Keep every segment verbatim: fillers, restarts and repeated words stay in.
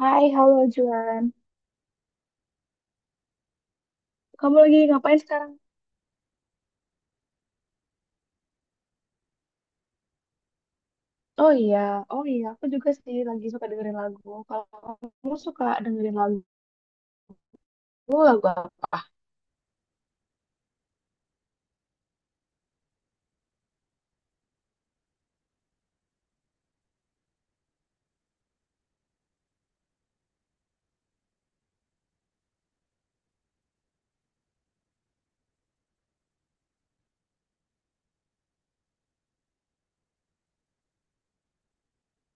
Hai, halo Juan. Kamu lagi ngapain sekarang? Oh iya, oh iya, aku juga sih lagi suka dengerin lagu. Kalau kamu suka dengerin lagu, lagu apa?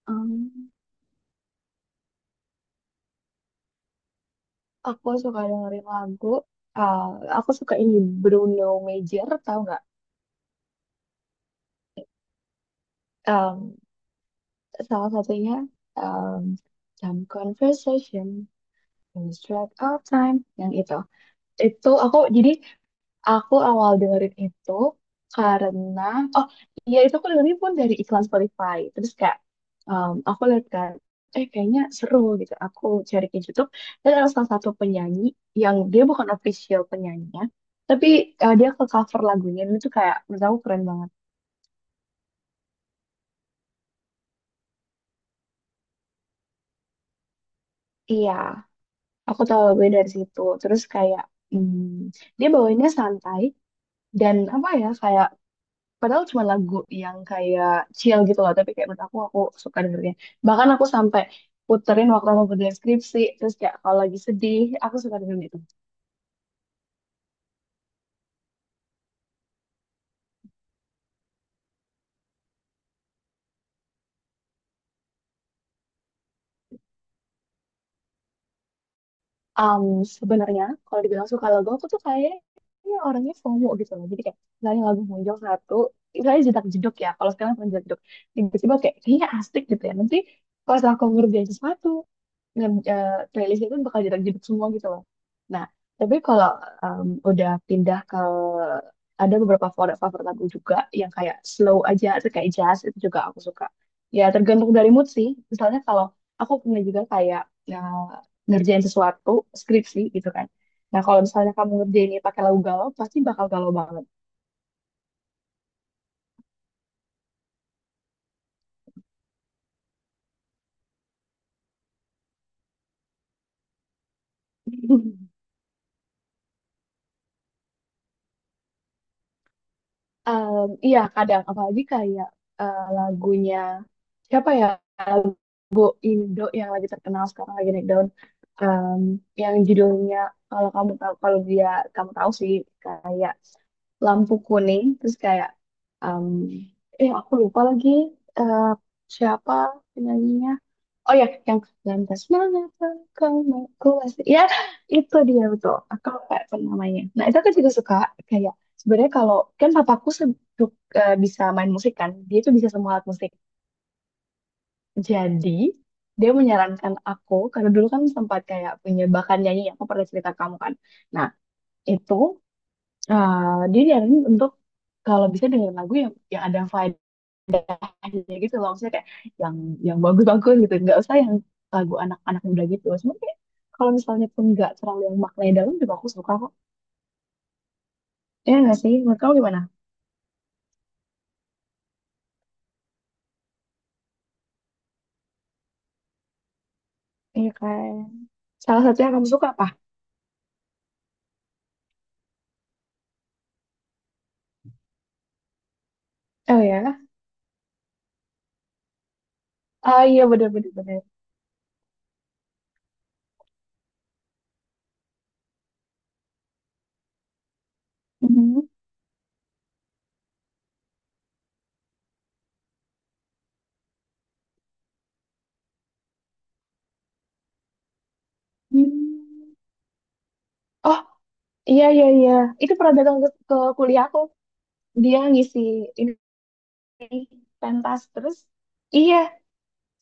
Em, aku suka dengerin lagu. eh, aku suka ini Bruno Major, tahu nggak? Em, Salah satunya em, Some Conversation, Strike Out Time, yang itu. Itu aku jadi aku awal dengerin itu karena oh iya itu aku dengerin pun dari iklan Spotify. Terus kayak em, aku lihat kan eh kayaknya seru gitu. Aku cari ke YouTube dan ada salah satu penyanyi yang dia bukan official penyanyinya, tapi eh, dia ke cover lagunya dan itu kayak menurut aku keren banget. Iya, aku tahu lagunya dari situ. Terus kayak hmm, dia bawainnya santai dan apa ya kayak padahal cuma lagu yang kayak chill gitu loh, tapi kayak menurut aku aku suka dengernya. Bahkan aku sampai puterin waktu aku kerja skripsi, terus kayak kalau lagi sedih, aku suka dengerin itu. Um, Sebenarnya kalau dibilang suka lagu, aku tuh kayak orangnya FOMO gitu loh. Jadi kayak misalnya lagu muncul satu, misalnya jedak jeduk ya, kalau sekarang pernah jeduk, tiba-tiba kayak kayaknya asik gitu ya. Nanti pas aku ngerjain sesuatu, nge eh, playlist itu bakal jebak-jebak semua gitu loh. Nah, tapi kalau em, udah pindah ke ada beberapa favorit favorit lagu juga yang kayak slow aja atau kayak jazz itu juga aku suka. Ya tergantung dari mood sih. Misalnya kalau aku punya juga kayak ya, ngerjain sesuatu skripsi gitu kan. Nah kalau misalnya kamu ngerjain ini pakai lagu galau pasti bakal galau banget. Em, iya kadang apalagi kayak eh, lagunya siapa ya? Bu Indo yang lagi terkenal sekarang lagi naik daun. Em, yang judulnya kalau kamu tahu kalau dia kamu tahu sih kayak lampu kuning terus kayak em, eh aku lupa lagi, eh, siapa penyanyinya. Oh ya, yang lantas mana kau mau ku masih ya. Itu dia, betul, aku lupa apa namanya. Nah itu aku juga suka, kayak sebenarnya kalau kan papaku se- su- eh, bisa main musik kan, dia tuh bisa semua alat musik. Jadi dia menyarankan aku, karena dulu kan sempat kayak punya bakat nyanyi, aku pernah cerita ke kamu kan. Nah, itu eh, dia nyaranin untuk kalau bisa dengerin lagu yang yang ada faedahnya gitu loh. Maksudnya kayak yang yang bagus-bagus gitu. Nggak usah yang lagu anak-anak muda gitu. Cuma kayak kalau misalnya pun nggak terlalu yang maknanya dalam juga aku suka kok. Ya nggak sih? Menurut kamu gimana? Iya, kayak salah satu yang kamu suka apa? Oh ya? Ah iya, benar-benar. Bener, bener, bener. Mhm. Hmm. Oh, iya, iya, iya. Itu pernah datang ke, ke kuliahku. Dia ngisi ini pentas terus. Iya,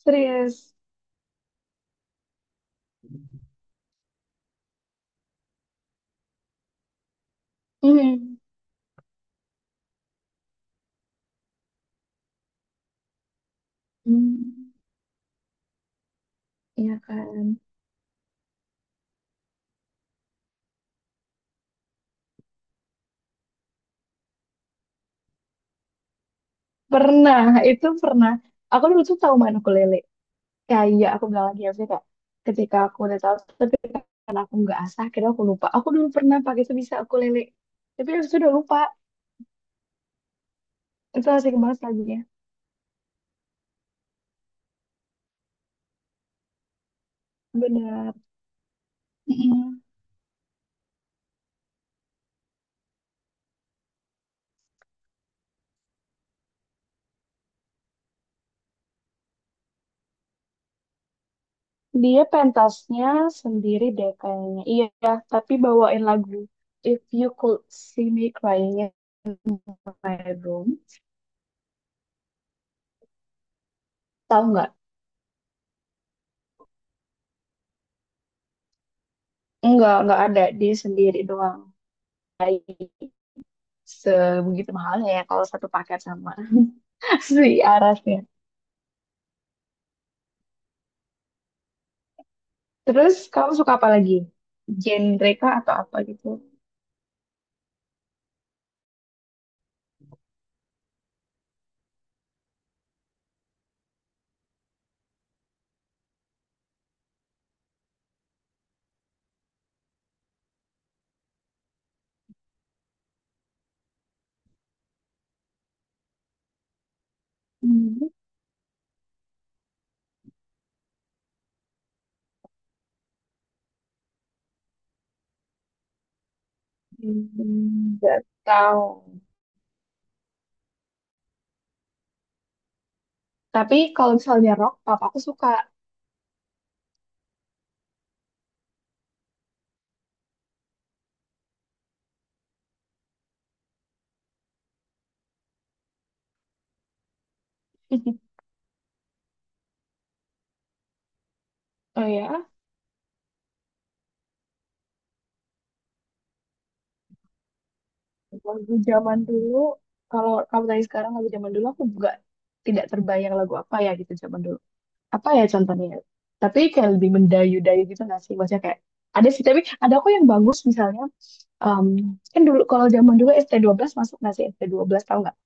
serius. Hmm. Hmm. Iya kan. Pernah, itu pernah. Aku dulu tuh tahu main ukulele. Kayak aku bilang lagi ya, maksudnya kayak ketika aku udah tahu, tapi karena aku nggak asah, akhirnya aku lupa. Aku dulu pernah pakai sebisa ukulele. Tapi aku sudah lupa. Itu asik banget lagunya. Benar. Dia pentasnya sendiri deh kayaknya. Iya, tapi bawain lagu If You Could See Me Crying in My Room. Tahu nggak? Nggak, nggak ada. Dia sendiri doang. Kayak sebegitu mahalnya ya kalau satu paket sama si Aras ya. Terus kamu suka apa lagi? Genre kah atau apa gitu? Hmm, nggak tahu. Tapi kalau misalnya rock, papa aku suka. Oh ya? Lagu zaman dulu, kalau kamu tanya sekarang lagu zaman dulu aku juga tidak terbayang lagu apa ya gitu zaman dulu. Apa ya contohnya? Ya? Tapi kayak lebih mendayu-dayu gitu nggak sih? Maksudnya kayak ada sih, tapi ada kok yang bagus misalnya. em, Kan dulu kalau zaman dulu st belas masuk nggak sih? S T dua belas tahu nggak?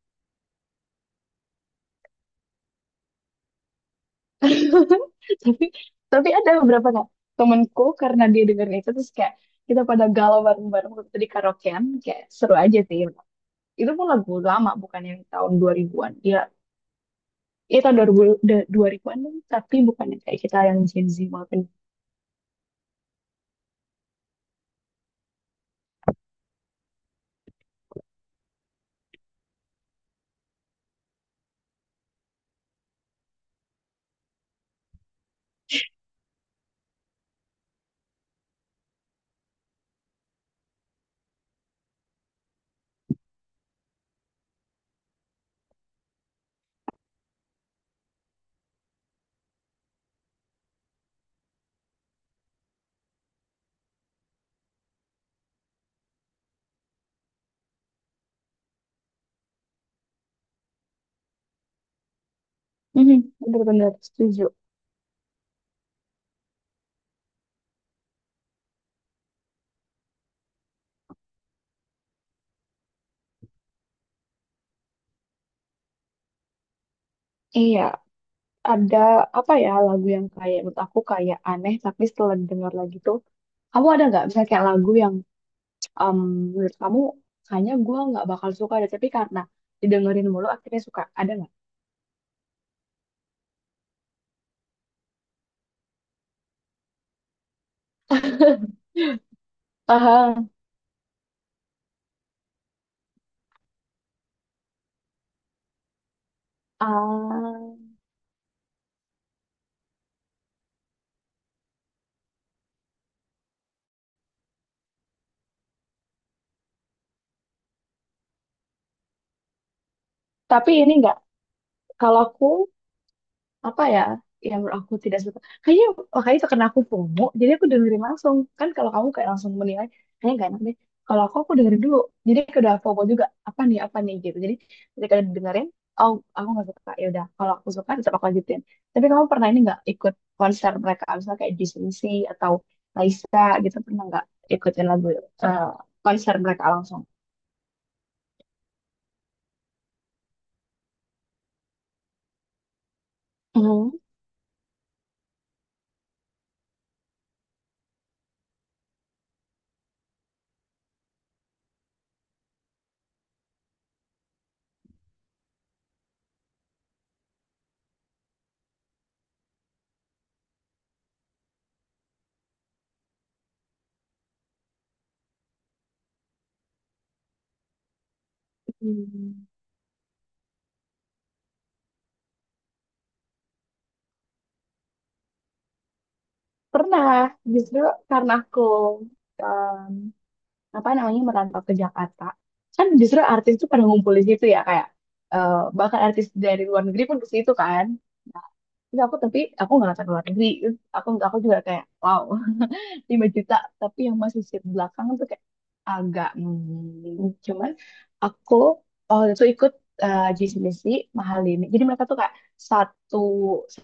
tapi tapi ada beberapa kok temenku, karena dia dengerin itu terus kayak kita pada galau bareng-bareng waktu di karaokean kayak seru aja sih. Itu pun lagu lama, bukan yang tahun dua ribuan-an dia. Iya, tahun dua da- an an, tapi bukan yang kayak kita yang Gen Z maupun. Mhm, bener-bener setuju. Iya, ada apa ya lagu yang kayak menurut aku kayak aneh, tapi setelah didengar lagi tuh, kamu ada nggak misalnya kayak lagu yang em, menurut kamu kayaknya gua nggak bakal suka deh, tapi karena didengerin mulu akhirnya suka, ada nggak? Aha. Ah, tapi ini nggak, kalau aku apa ya, yang menurut aku tidak suka kayaknya makanya itu karena aku FOMO jadi aku dengerin langsung kan. Kalau kamu kayak langsung menilai kayaknya gak enak deh. Kalau aku aku dengerin dulu. Jadi aku udah FOMO juga, apa nih apa nih gitu. Jadi ketika dengerin oh aku nggak suka ya udah. Kalau aku suka tetap aku lanjutin. Tapi kamu pernah ini nggak, ikut konser mereka, misalnya kayak Disney atau Raisa gitu, pernah nggak ikutin lagu, eh, konser mereka langsung? Oh, hmm. Pernah, justru karena aku eh, apa namanya merantau ke Jakarta kan, justru artis tuh pada ngumpul di situ ya kayak eh, bahkan artis dari luar negeri pun ke situ kan. Nah, terus aku, tapi aku nggak nonton luar negeri. Terus aku aku juga kayak wow, lima juta, tapi yang masih seat belakang tuh kayak agak hmm, cuman aku oh itu ikut eh, J C B C mahal ini. Jadi mereka tuh kayak satu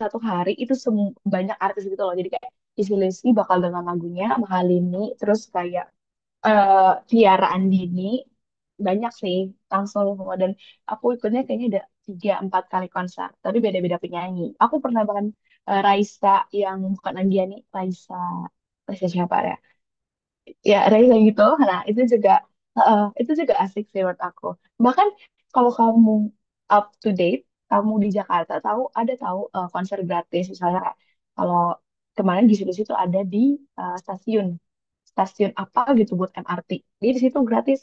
satu hari itu sem, banyak artis gitu loh. Jadi kayak G C J C B C bakal dengan lagunya mahal ini, terus kayak eh Tiara Andini, banyak sih langsung semua. Dan aku ikutnya kayaknya ada tiga empat kali konser tapi beda-beda penyanyi. Aku pernah bahkan eh, Raisa yang bukan Andiani. Raisa Raisa siapa ya, ya Reza gitu. Nah itu juga eh, itu juga asik sih menurut aku. Bahkan kalau kamu up to date, kamu di Jakarta tahu ada tahu, eh, konser gratis misalnya, kayak kalau kemarin di situ situ ada di eh, stasiun stasiun apa gitu buat M R T, jadi di situ gratis.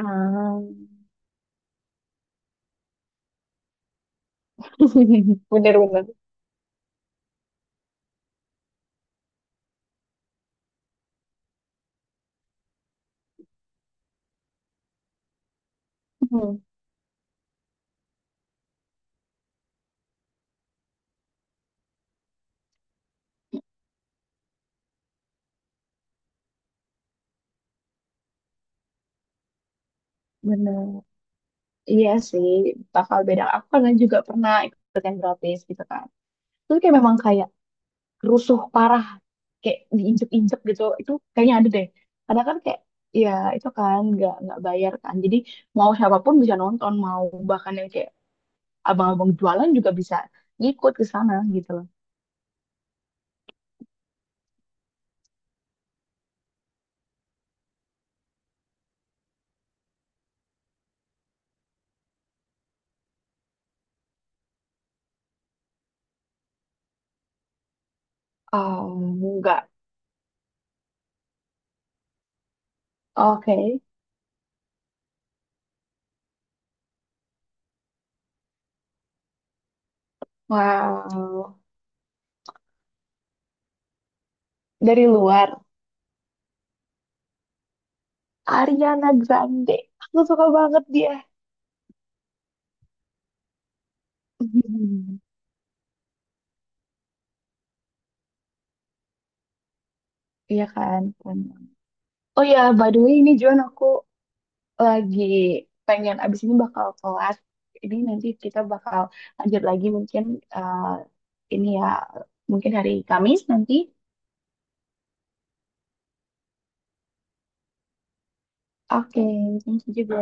Ah, bener-bener, hmm, bener. Iya sih, bakal beda. Aku karena juga pernah ikut yang gratis gitu kan. Terus kayak memang kayak rusuh parah, kayak diinjek-injek gitu itu kayaknya ada deh. Karena kan kayak ya itu kan nggak nggak bayar kan, jadi mau siapapun bisa nonton, mau bahkan yang kayak abang-abang jualan juga bisa ngikut ke sana gitu loh. Oh, enggak. Oke. Wow. Dari luar. Ariana Grande, aku suka banget dia. Iya kan? Kan. Oh ya by the way ini John, aku lagi pengen abis ini bakal kelas. Jadi nanti kita bakal lanjut lagi mungkin, eh, ini ya, mungkin hari Kamis nanti. Oke, thank you juga.